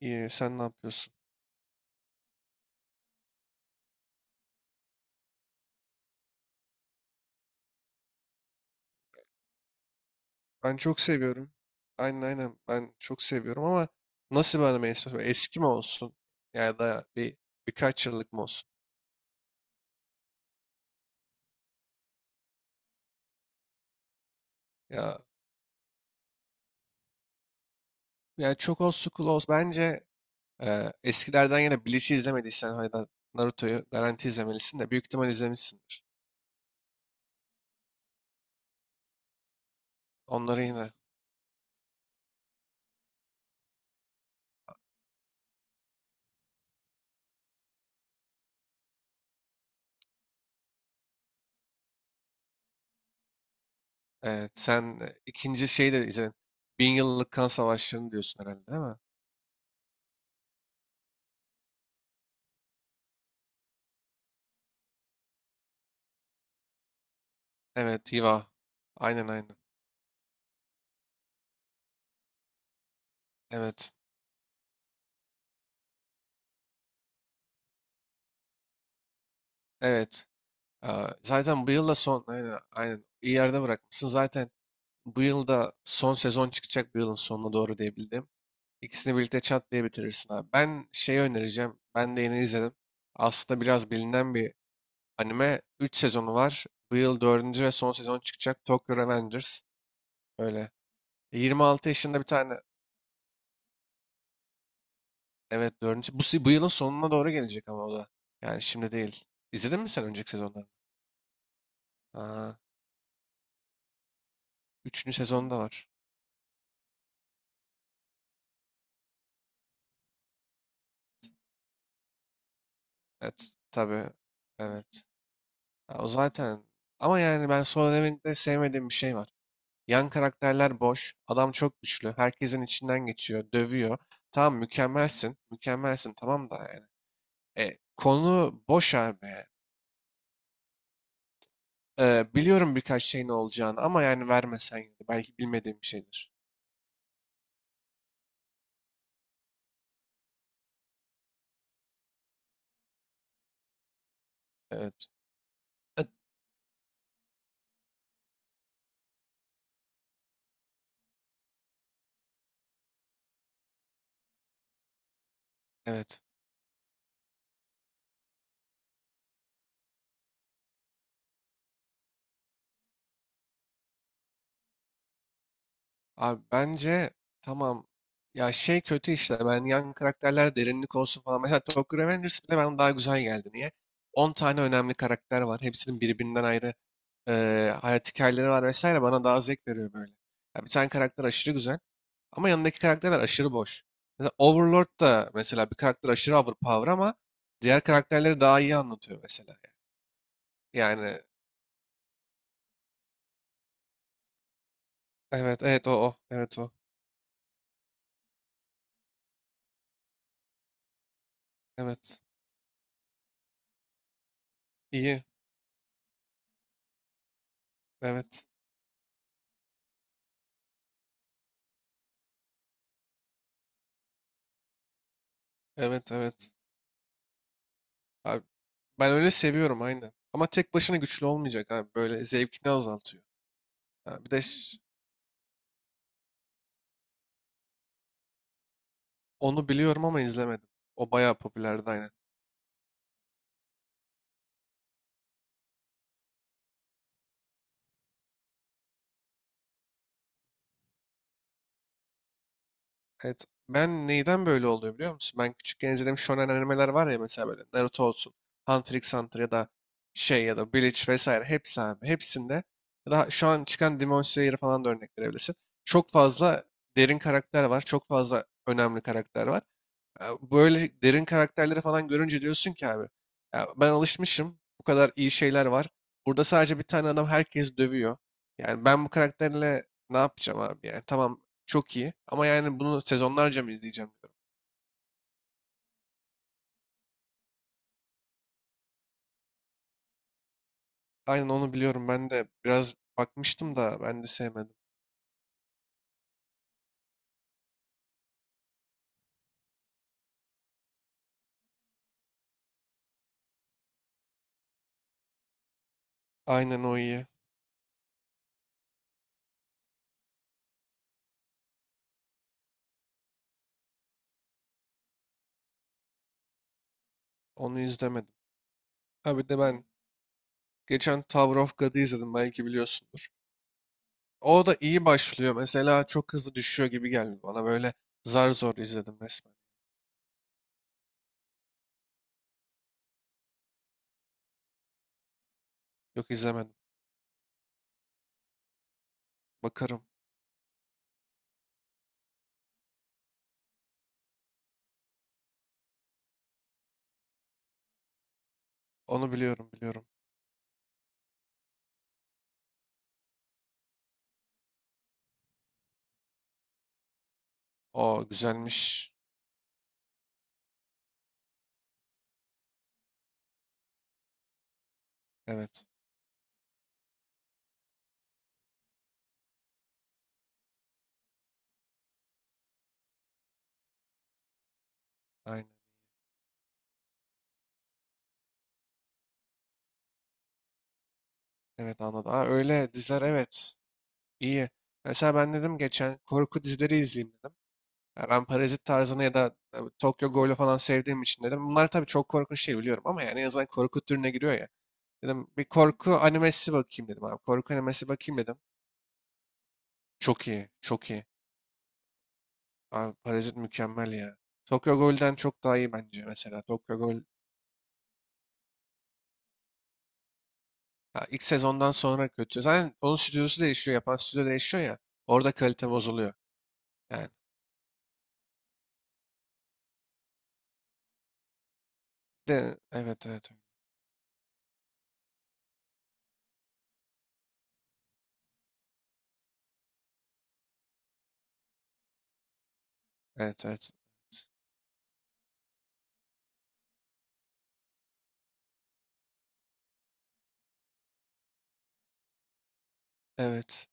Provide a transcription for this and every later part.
İyi, sen ne yapıyorsun? Ben çok seviyorum. Aynen aynen, ben çok seviyorum, ama nasıl bir anime istiyorsun? Eski mi olsun? Ya da birkaç yıllık mı olsun? Ya yani çok old school olsun. Bence eskilerden yine Bleach'i izlemediysen ya da Naruto'yu garanti izlemelisin, de büyük ihtimal izlemişsindir. Onları yine sen, ikinci şeyi de izledin. 1000 yıllık kan savaşlarını diyorsun herhalde, değil mi? Evet, Hiva. Aynen aynen. Evet. Evet. Zaten bu yılda son, aynen, aynen iyi yerde bırakmışsın. Zaten bu yılda son sezon çıkacak, bu yılın sonuna doğru diye bildim. İkisini birlikte çat diye bitirirsin abi. Ben şeyi önereceğim, ben de yeni izledim. Aslında biraz bilinen bir anime. 3 sezonu var. Bu yıl dördüncü ve son sezon çıkacak. Tokyo Revengers. Öyle. 26 yaşında bir tane. Evet, dördüncü. Bu, bu yılın sonuna doğru gelecek, ama o da. Yani şimdi değil. İzledin mi sen önceki sezonları? Aa, üçüncü sezonu da var. Evet, tabii. Evet. Ya o zaten. Ama yani ben Solo Leveling'de sevmediğim bir şey var. Yan karakterler boş. Adam çok güçlü. Herkesin içinden geçiyor. Dövüyor. Tamam, mükemmelsin. Mükemmelsin, tamam, da yani. E, konu boş abi. E, biliyorum birkaç şeyin olacağını, ama yani vermesen yine de belki bilmediğim bir şeydir. Evet. Evet. Abi bence tamam, ya şey kötü işte, ben yan karakterler derinlik olsun falan. Mesela Tokyo Revengers bile bana daha güzel geldi. Niye? 10 tane önemli karakter var. Hepsinin birbirinden ayrı hayat hikayeleri var vesaire, bana daha zevk veriyor böyle. Ya bir tane karakter aşırı güzel, ama yanındaki karakterler aşırı boş. Mesela Overlord da, mesela bir karakter aşırı overpower, ama diğer karakterleri daha iyi anlatıyor mesela. Yani evet evet, o o evet, o evet iyi, evet evet evet. Abi, ben öyle seviyorum aynen. Ama tek başına güçlü olmayacak abi, böyle zevkini azaltıyor. Ha, bir de onu biliyorum, ama izlemedim. O bayağı popülerdi aynen. Evet. Ben neyden böyle oluyor biliyor musun? Ben küçükken izlediğim shonen animeler var ya, mesela böyle Naruto olsun, Hunter x Hunter ya da şey ya da Bleach vesaire hepsi abi. Hepsinde, ya da şu an çıkan Demon Slayer'ı falan da örnek verebilirsin. Çok fazla derin karakter var. Çok fazla önemli karakter var. Ya böyle derin karakterleri falan görünce diyorsun ki abi, ya ben alışmışım, bu kadar iyi şeyler var. Burada sadece bir tane adam, herkes dövüyor. Yani ben bu karakterle ne yapacağım abi, yani tamam çok iyi, ama yani bunu sezonlarca mı izleyeceğim diyorum. Aynen, onu biliyorum, ben de biraz bakmıştım da, ben de sevmedim. Aynen, o iyi, onu izlemedim. Ha, bir de ben geçen Tower of God'u izledim, belki biliyorsundur. O da iyi başlıyor mesela, çok hızlı düşüyor gibi geldi bana böyle, zar zor izledim resmen. Yok, izlemedim. Bakarım. Onu biliyorum biliyorum. O güzelmiş. Evet. Aynen. Evet, anladım. Ha, öyle diziler, evet. İyi. Mesela ben dedim geçen, korku dizileri izleyeyim dedim. Ya ben Parazit tarzını ya da Tokyo Ghoul'u falan sevdiğim için dedim. Bunlar tabii çok korkunç değil biliyorum, ama yani en azından korku türüne giriyor ya. Dedim bir korku animesi bakayım dedim abi. Korku animesi bakayım dedim. Çok iyi. Çok iyi. Abi Parazit mükemmel ya. Tokyo Ghoul'den çok daha iyi bence mesela. Tokyo Ghoul, ya ilk sezondan sonra kötü. Zaten onun stüdyosu değişiyor. Yapan stüdyo değişiyor ya. Orada kalite bozuluyor. Yani de evet evet. Evet evet. Evet.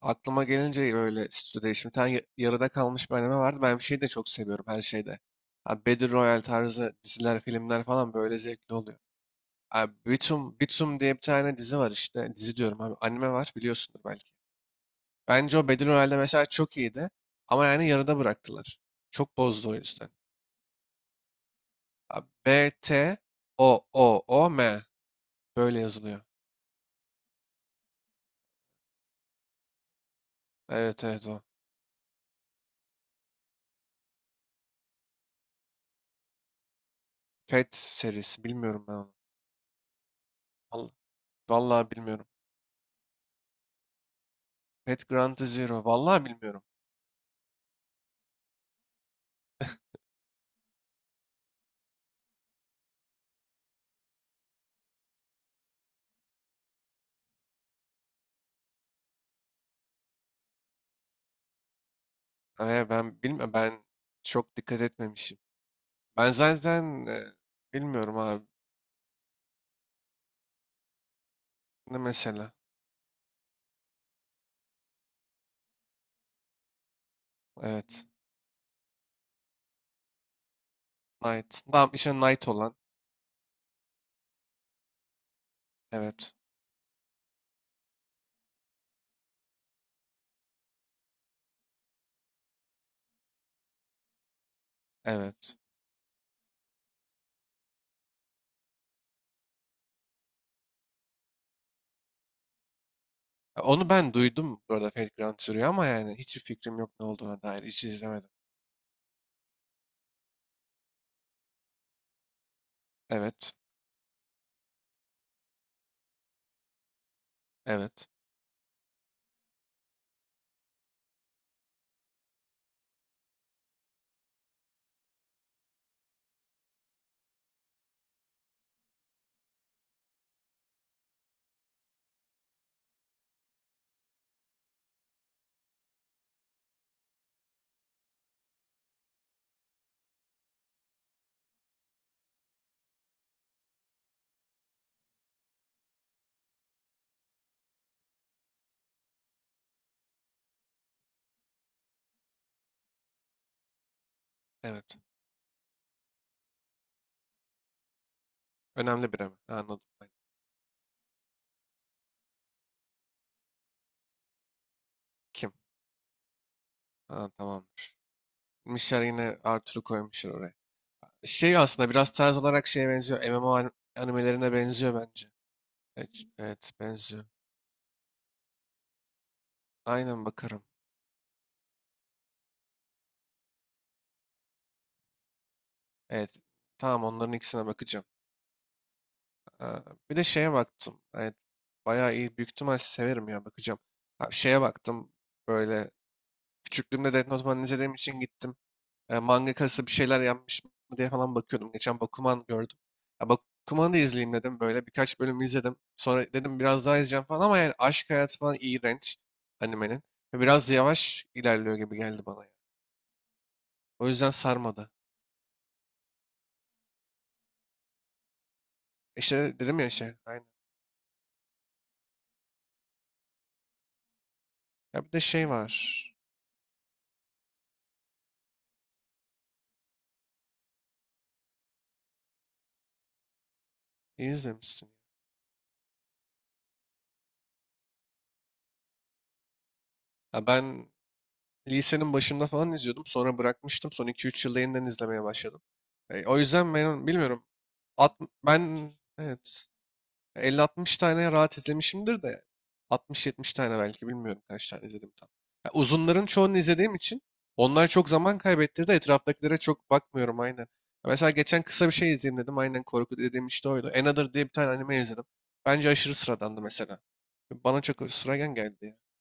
Aklıma gelince böyle stüdyo değişimi. Bir tane yarıda kalmış bir anime vardı. Ben bir şeyi de çok seviyorum her şeyde. Abi Battle Royale tarzı diziler, filmler falan böyle zevkli oluyor. Abi Bitum, Bitum diye bir tane dizi var işte. Dizi diyorum abi, anime var, biliyorsundur belki. Bence o Battle Royale'de mesela çok iyiydi. Ama yani yarıda bıraktılar. Çok bozdu o yüzden. Btooom. Böyle yazılıyor. Evet evet, o. Pet serisi. Bilmiyorum ben onu. Vallahi, vallahi bilmiyorum. Pet Grand Zero. Vallahi bilmiyorum. Ben bilmiyorum. Ben çok dikkat etmemişim. Ben zaten bilmiyorum abi. Ne mesela? Evet. Knight. Tamam işte Knight olan. Evet. Evet. Ya, onu ben duydum bu arada Fate Grand Zero'yu, ama yani hiçbir fikrim yok ne olduğuna dair. Hiç izlemedim. Evet. Evet. Evet. Önemli bir, ama. Anladım. Ben. Kim? Ha, tamamdır. Mişler yine Arthur'u koymuşlar oraya. Şey, aslında biraz tarz olarak şeye benziyor. MMO animelerine benziyor bence. Evet, evet benziyor. Aynen, bakarım. Evet. Tamam, onların ikisine bakacağım. Ha, bir de şeye baktım. Evet. Bayağı iyi. Büyük ihtimal severim ya, bakacağım. Ha, şeye baktım. Böyle küçüklüğümde Death Note falan izlediğim için gittim. Mangakası bir şeyler yapmış mı diye falan bakıyordum. Geçen Bakuman gördüm. Ya Bakuman'ı da izleyeyim dedim böyle. Birkaç bölüm izledim. Sonra dedim biraz daha izleyeceğim falan, ama yani aşk hayatı falan iğrenç animenin. Ve biraz yavaş ilerliyor gibi geldi bana, ya. O yüzden sarmadı. İşte dedim ya şey. Aynen. Ya bir de şey var. İyi izlemişsin. Ya ben lisenin başında falan izliyordum. Sonra bırakmıştım. Son 2-3 yılda yeniden izlemeye başladım. O yüzden ben bilmiyorum. At, ben, evet. 50-60 tane rahat izlemişimdir de, 60-70 tane belki bilmiyorum, kaç tane izledim tam. Ya uzunların çoğunu izlediğim için onlar çok zaman kaybettirdi. Etraftakilere çok bakmıyorum aynen. Ya mesela geçen kısa bir şey izleyeyim dedim. Aynen, korku dediğim işte oydu. Another diye bir tane anime izledim. Bence aşırı sıradandı mesela. Bana çok sıradan geldi ya.